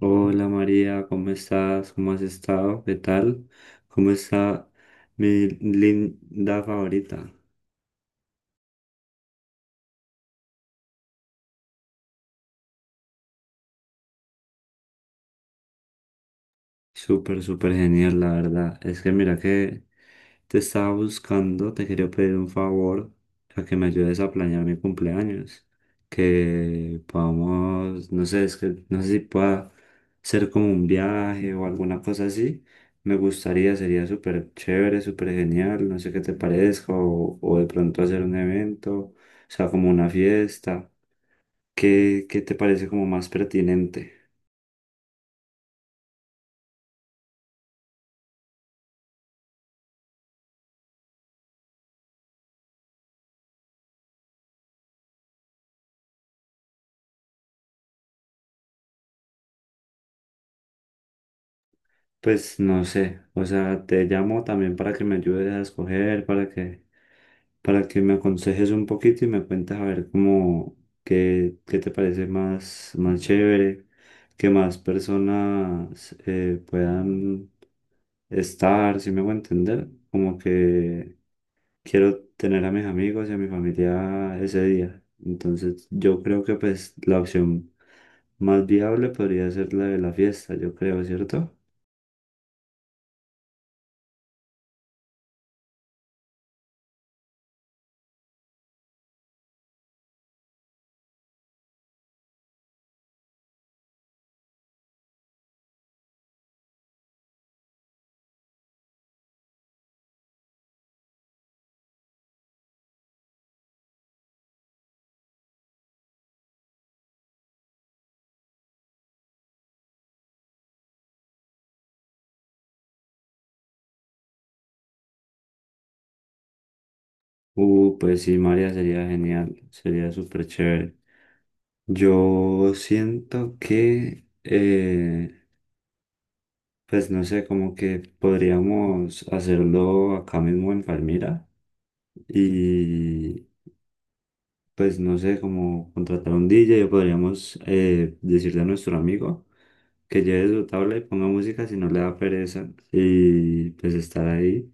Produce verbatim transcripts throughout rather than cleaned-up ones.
Hola María, ¿cómo estás? ¿Cómo has estado? ¿Qué tal? ¿Cómo está mi linda favorita? Súper, súper genial, la verdad. Es que mira que te estaba buscando, te quería pedir un favor, a que me ayudes a planear mi cumpleaños. Que podamos, no sé, es que no sé si pueda ser como un viaje o alguna cosa así. Me gustaría, sería súper chévere, súper genial, no sé qué te parezca, o, o de pronto hacer un evento, o sea, como una fiesta. ¿Qué, qué te parece como más pertinente? Pues no sé, o sea, te llamo también para que me ayudes a escoger, para que, para que me aconsejes un poquito y me cuentas a ver cómo, qué, qué te parece más, más chévere, que más personas eh, puedan estar, si me voy a entender, como que quiero tener a mis amigos y a mi familia ese día. Entonces yo creo que pues la opción más viable podría ser la de la fiesta, yo creo, ¿cierto? Uh, pues sí, María, sería genial, sería súper chévere. Yo siento que, eh, pues no sé, como que podríamos hacerlo acá mismo en Palmira y pues no sé, como contratar un D J o podríamos eh, decirle a nuestro amigo que lleve su tabla y ponga música si no le da pereza y pues estar ahí.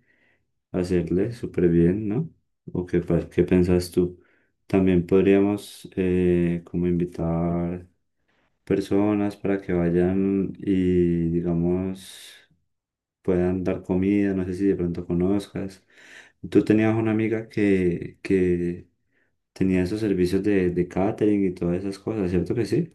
Hacerle súper bien, ¿no? ¿O qué, pa- qué piensas tú? También podríamos eh, como invitar personas para que vayan y digamos puedan dar comida, no sé si de pronto conozcas. Tú tenías una amiga que, que tenía esos servicios de, de catering y todas esas cosas, ¿cierto que sí?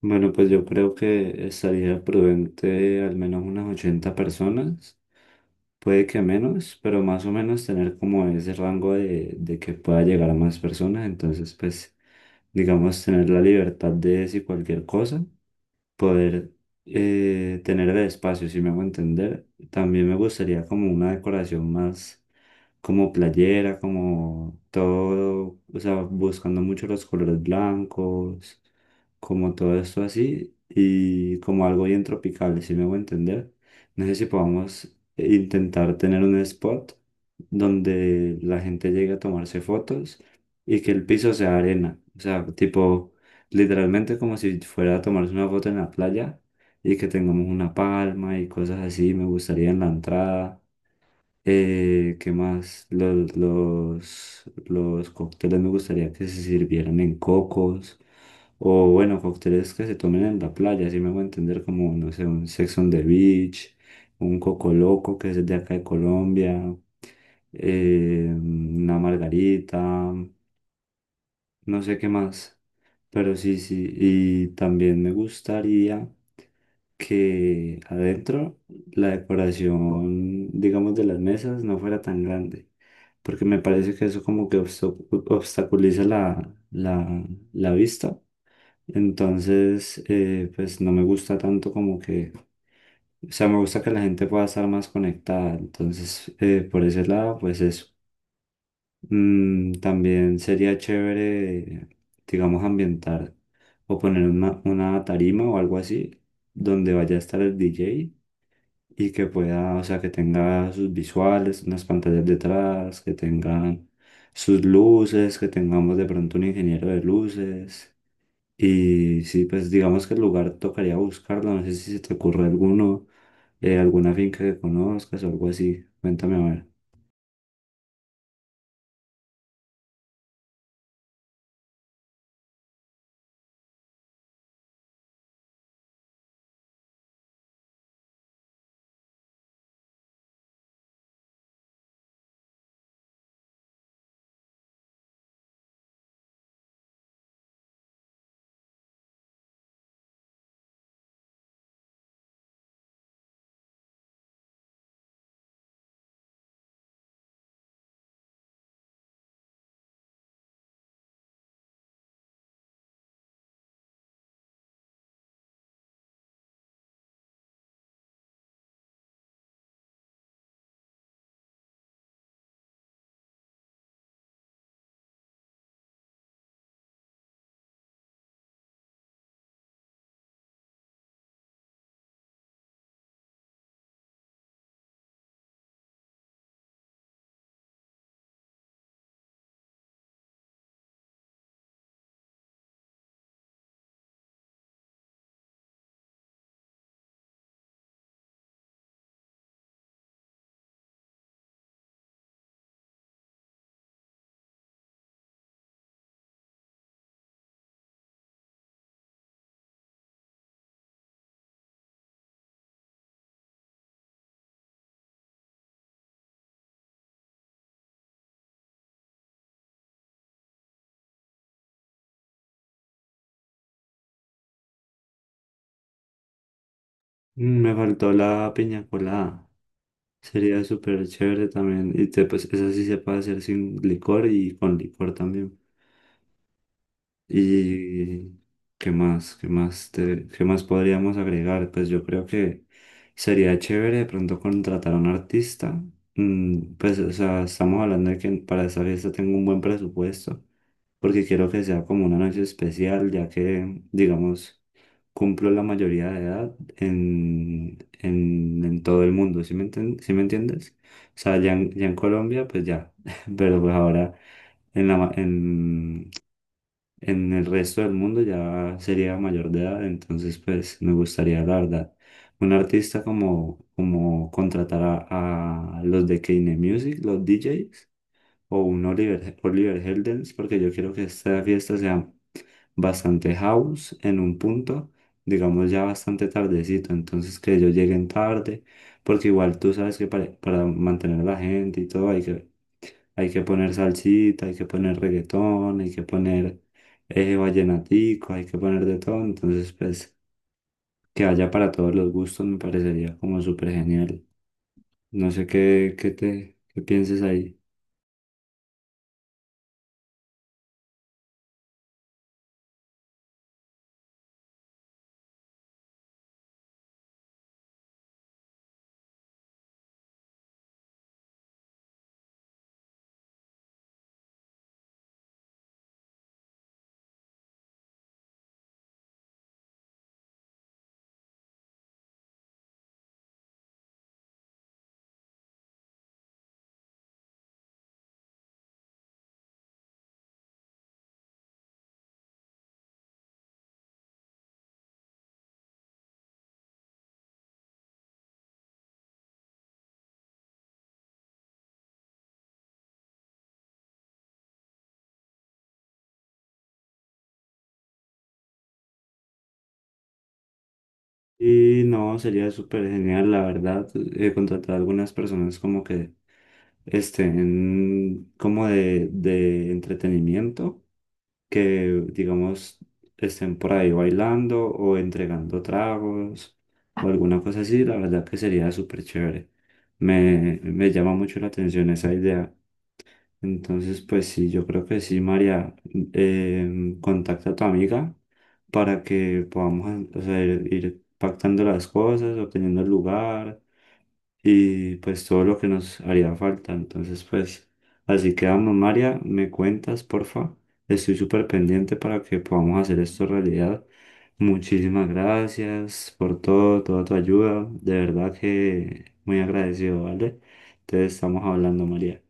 Bueno, pues yo creo que estaría prudente al menos unas ochenta personas. Puede que menos, pero más o menos tener como ese rango de, de que pueda llegar a más personas. Entonces, pues, digamos, tener la libertad de decir cualquier cosa, poder eh, tener de espacio, si me hago entender. También me gustaría como una decoración más como playera, como todo, o sea, buscando mucho los colores blancos, como todo esto así, y como algo bien tropical, si me hago entender. No sé si podamos intentar tener un spot donde la gente llegue a tomarse fotos y que el piso sea arena, o sea, tipo literalmente como si fuera a tomarse una foto en la playa y que tengamos una palma y cosas así. Me gustaría en la entrada. Eh, ¿qué más? Los, los, los cócteles me gustaría que se sirvieran en cocos. O bueno, cócteles que se tomen en la playa, así me voy a entender como, no sé, un Sex on the Beach, un Coco Loco, que es de acá de Colombia, eh, una margarita, no sé qué más, pero sí, sí, y también me gustaría que adentro la decoración, digamos, de las mesas no fuera tan grande, porque me parece que eso como que obsta- obstaculiza la, la, la vista. Entonces, eh, pues no me gusta tanto como que, o sea, me gusta que la gente pueda estar más conectada. Entonces, eh, por ese lado, pues eso. Mm, también sería chévere, digamos, ambientar o poner una, una tarima o algo así donde vaya a estar el D J y que pueda, o sea, que tenga sus visuales, unas pantallas detrás, que tengan sus luces, que tengamos de pronto un ingeniero de luces. Y sí, pues digamos que el lugar tocaría buscarlo, no sé si se te ocurre alguno, eh, alguna finca que conozcas o algo así. Cuéntame a ver. Mm, Me faltó la piña colada. Sería súper chévere también. Y te, pues esa sí se puede hacer sin licor y con licor también. ¿Y qué más? ¿Qué más te- qué más podríamos agregar? Pues yo creo que sería chévere de pronto contratar a un artista. Mm, pues o sea, estamos hablando de que para esta fiesta tengo un buen presupuesto, porque quiero que sea como una noche especial, ya que, digamos, cumplo la mayoría de edad en, en, en todo el mundo, ¿sí me enten- sí me entiendes? O sea, ya en, ya en Colombia, pues ya, pero pues ahora en la, ma- en, en el resto del mundo ya sería mayor de edad, entonces pues me gustaría, la verdad, un artista como, como contratar a, a los de Kine Music, los D Js, o un Oliver, Oliver Heldens, porque yo quiero que esta fiesta sea bastante house en un punto, digamos ya bastante tardecito, entonces que ellos lleguen tarde, porque igual tú sabes que para, para mantener a la gente y todo hay que, hay que poner salsita, hay que poner reggaetón, hay que poner eh, vallenatico, hay que poner de todo, entonces pues que haya para todos los gustos me parecería como súper genial. No sé qué, qué te, qué pienses ahí. Y no, sería súper genial, la verdad, eh, contratar a algunas personas como que estén como de, de entretenimiento, que digamos estén por ahí bailando o entregando tragos o alguna cosa así, la verdad que sería súper chévere. Me, me llama mucho la atención esa idea. Entonces, pues sí, yo creo que sí, María, eh, contacta a tu amiga para que podamos, o sea, ir, ir pactando las cosas, obteniendo el lugar y pues todo lo que nos haría falta. Entonces, pues así quedamos, María, me cuentas, porfa. Estoy súper pendiente para que podamos hacer esto realidad. Muchísimas gracias por todo, toda tu ayuda. De verdad que muy agradecido, ¿vale? Entonces, estamos hablando, María.